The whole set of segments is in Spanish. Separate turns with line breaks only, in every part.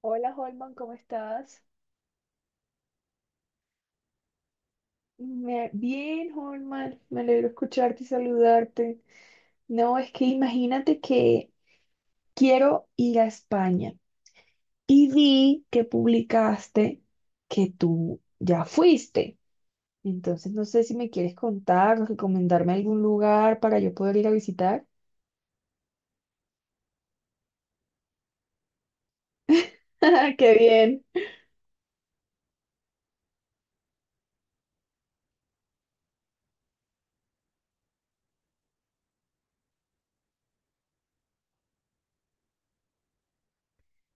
Hola, Holman, ¿cómo estás? Bien, Holman, me alegro escucharte y saludarte. No, es que imagínate que quiero ir a España y vi que publicaste que tú ya fuiste. Entonces no sé si me quieres contar o recomendarme algún lugar para yo poder ir a visitar. ¡Qué bien!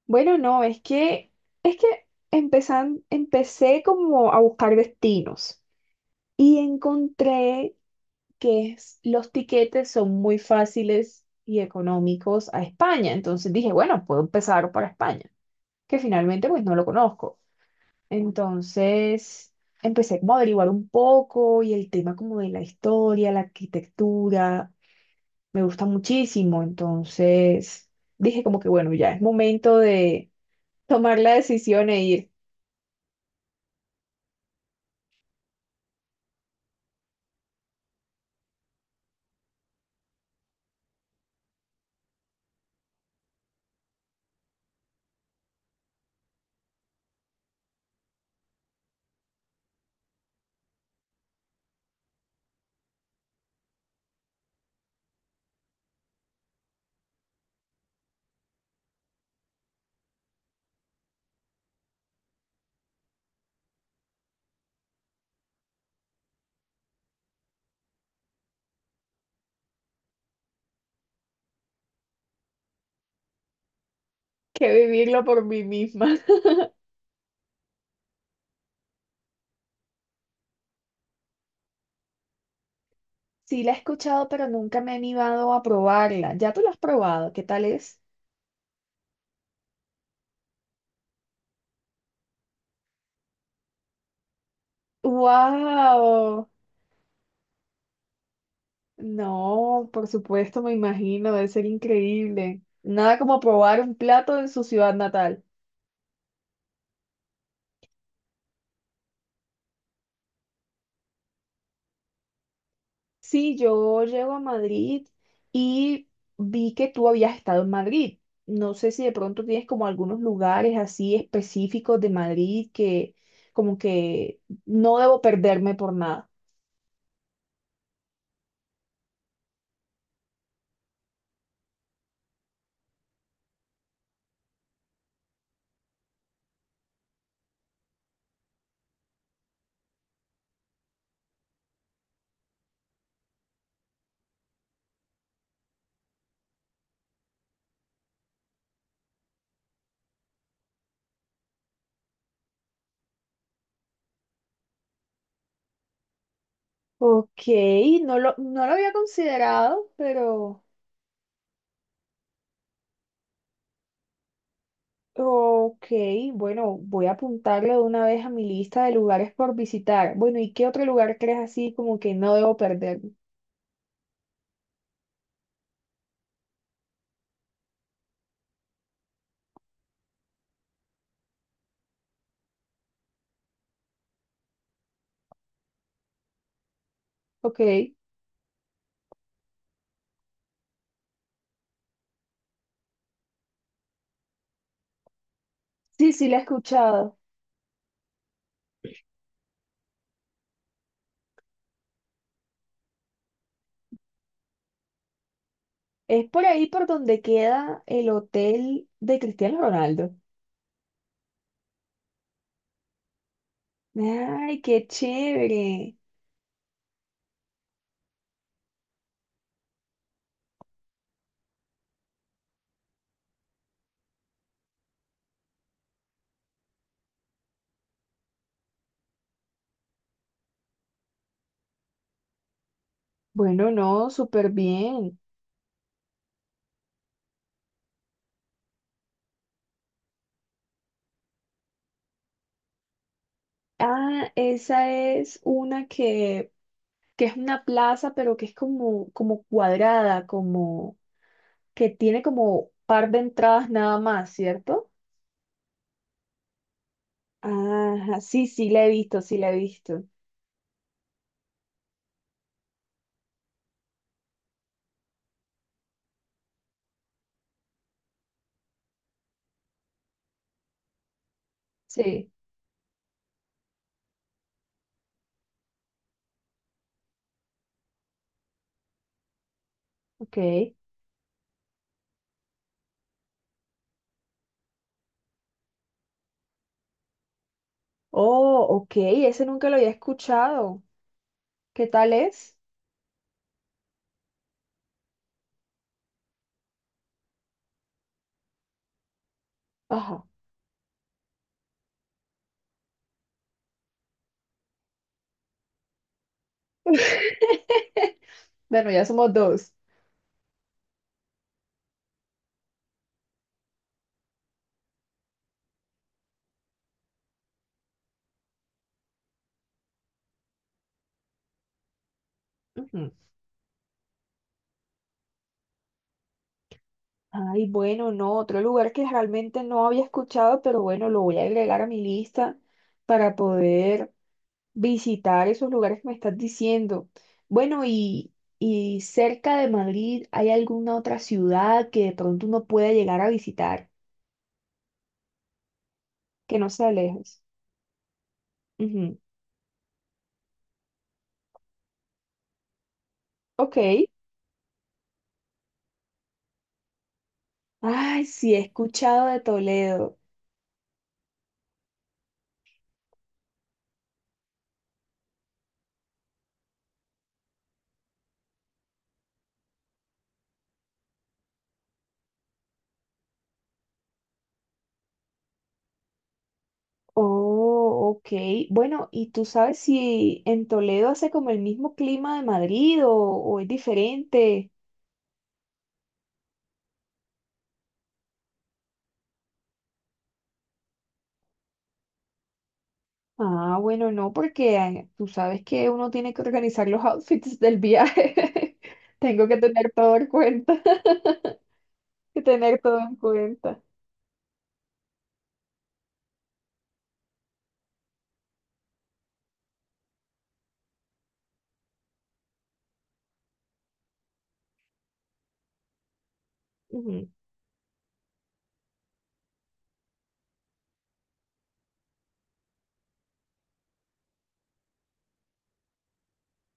Bueno, no, es que es que empecé como a buscar destinos y encontré los tiquetes son muy fáciles y económicos a España. Entonces dije, bueno, puedo empezar para España, que finalmente pues no lo conozco. Entonces empecé como a averiguar un poco y el tema como de la historia, la arquitectura, me gusta muchísimo. Entonces dije como que bueno, ya es momento de tomar la decisión e ir, que vivirlo por mí misma. Sí, la he escuchado, pero nunca me he animado a probarla. ¿Ya tú la has probado? ¿Qué tal es? Wow, no, por supuesto, me imagino, debe ser increíble. Nada como probar un plato en su ciudad natal. Sí, yo llego a Madrid y vi que tú habías estado en Madrid. No sé si de pronto tienes como algunos lugares así específicos de Madrid que como que no debo perderme por nada. Ok, no lo había considerado, pero... Ok, bueno, voy a apuntarle de una vez a mi lista de lugares por visitar. Bueno, ¿y qué otro lugar crees así como que no debo perder? Ok, sí, sí, la he escuchado. Es por ahí por donde queda el hotel de Cristiano Ronaldo. Ay, qué chévere. Bueno, no, súper bien. Ah, esa es una que es una plaza, pero que es como, como cuadrada, como que tiene como par de entradas nada más, ¿cierto? Ajá, sí, sí, la he visto, sí, la he visto. Sí, ok. Oh, ok, ese nunca lo había escuchado. ¿Qué tal es? Ajá. Bueno, ya somos dos. Ujú. Ay, bueno, no, otro lugar que realmente no había escuchado, pero bueno, lo voy a agregar a mi lista para poder visitar esos lugares que me estás diciendo. Bueno, y cerca de Madrid, ¿hay alguna otra ciudad que de pronto uno pueda llegar a visitar que no sea lejos? Ujú. Ok. Ay, sí, he escuchado de Toledo. Oh, ok. Bueno, ¿y tú sabes si en Toledo hace como el mismo clima de Madrid o es diferente? Ah, bueno, no, porque tú sabes que uno tiene que organizar los outfits del viaje. Tengo que tener todo en cuenta. Que tener todo en cuenta. Ujú.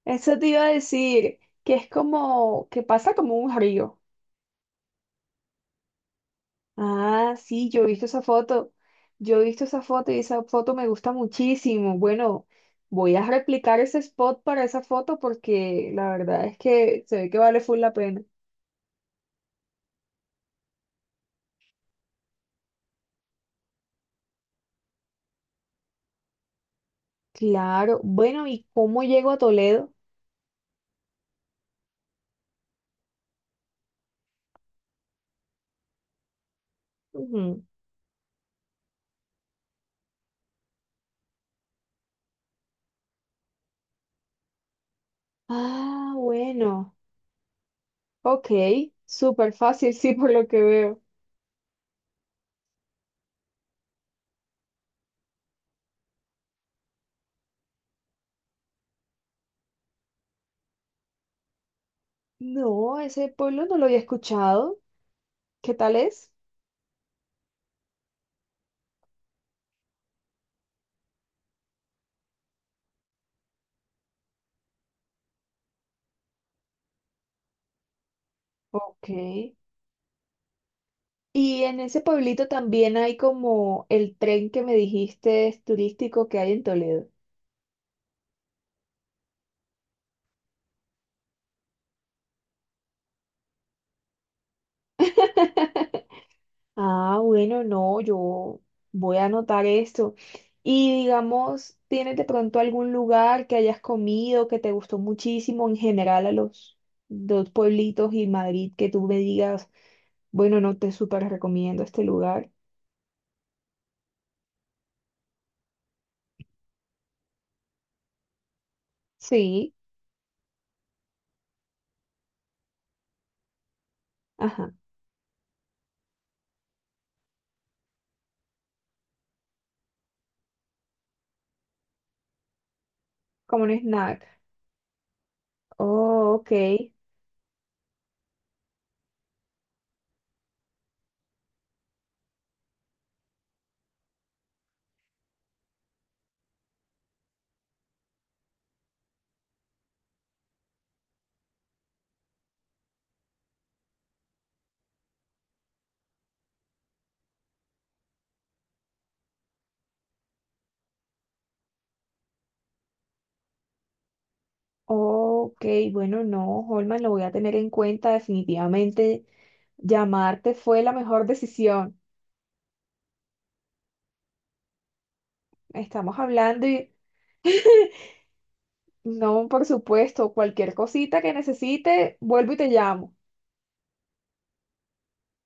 Eso te iba a decir, que es como, que pasa como un río. Ah, sí, yo he visto esa foto. Yo he visto esa foto y esa foto me gusta muchísimo. Bueno, voy a replicar ese spot para esa foto porque la verdad es que se ve que vale full la pena. Claro. Bueno, ¿y cómo llego a Toledo? Ujú. Ah, bueno. Ok, súper fácil, sí, por lo que veo. No, ese pueblo no lo había escuchado. ¿Qué tal es? Ok. Y en ese pueblito también hay como el tren que me dijiste es turístico que hay en Toledo. Ah, bueno, no, yo voy a anotar esto. Y digamos, ¿tienes de pronto algún lugar que hayas comido que te gustó muchísimo en general a los dos pueblitos y Madrid que tú me digas, bueno, no te súper recomiendo este lugar? Sí, ajá, como un snack. Oh, ok. Ok, bueno, no, Holman, lo voy a tener en cuenta. Definitivamente llamarte fue la mejor decisión. Estamos hablando y no, por supuesto, cualquier cosita que necesite, vuelvo y te llamo.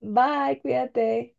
Bye, cuídate.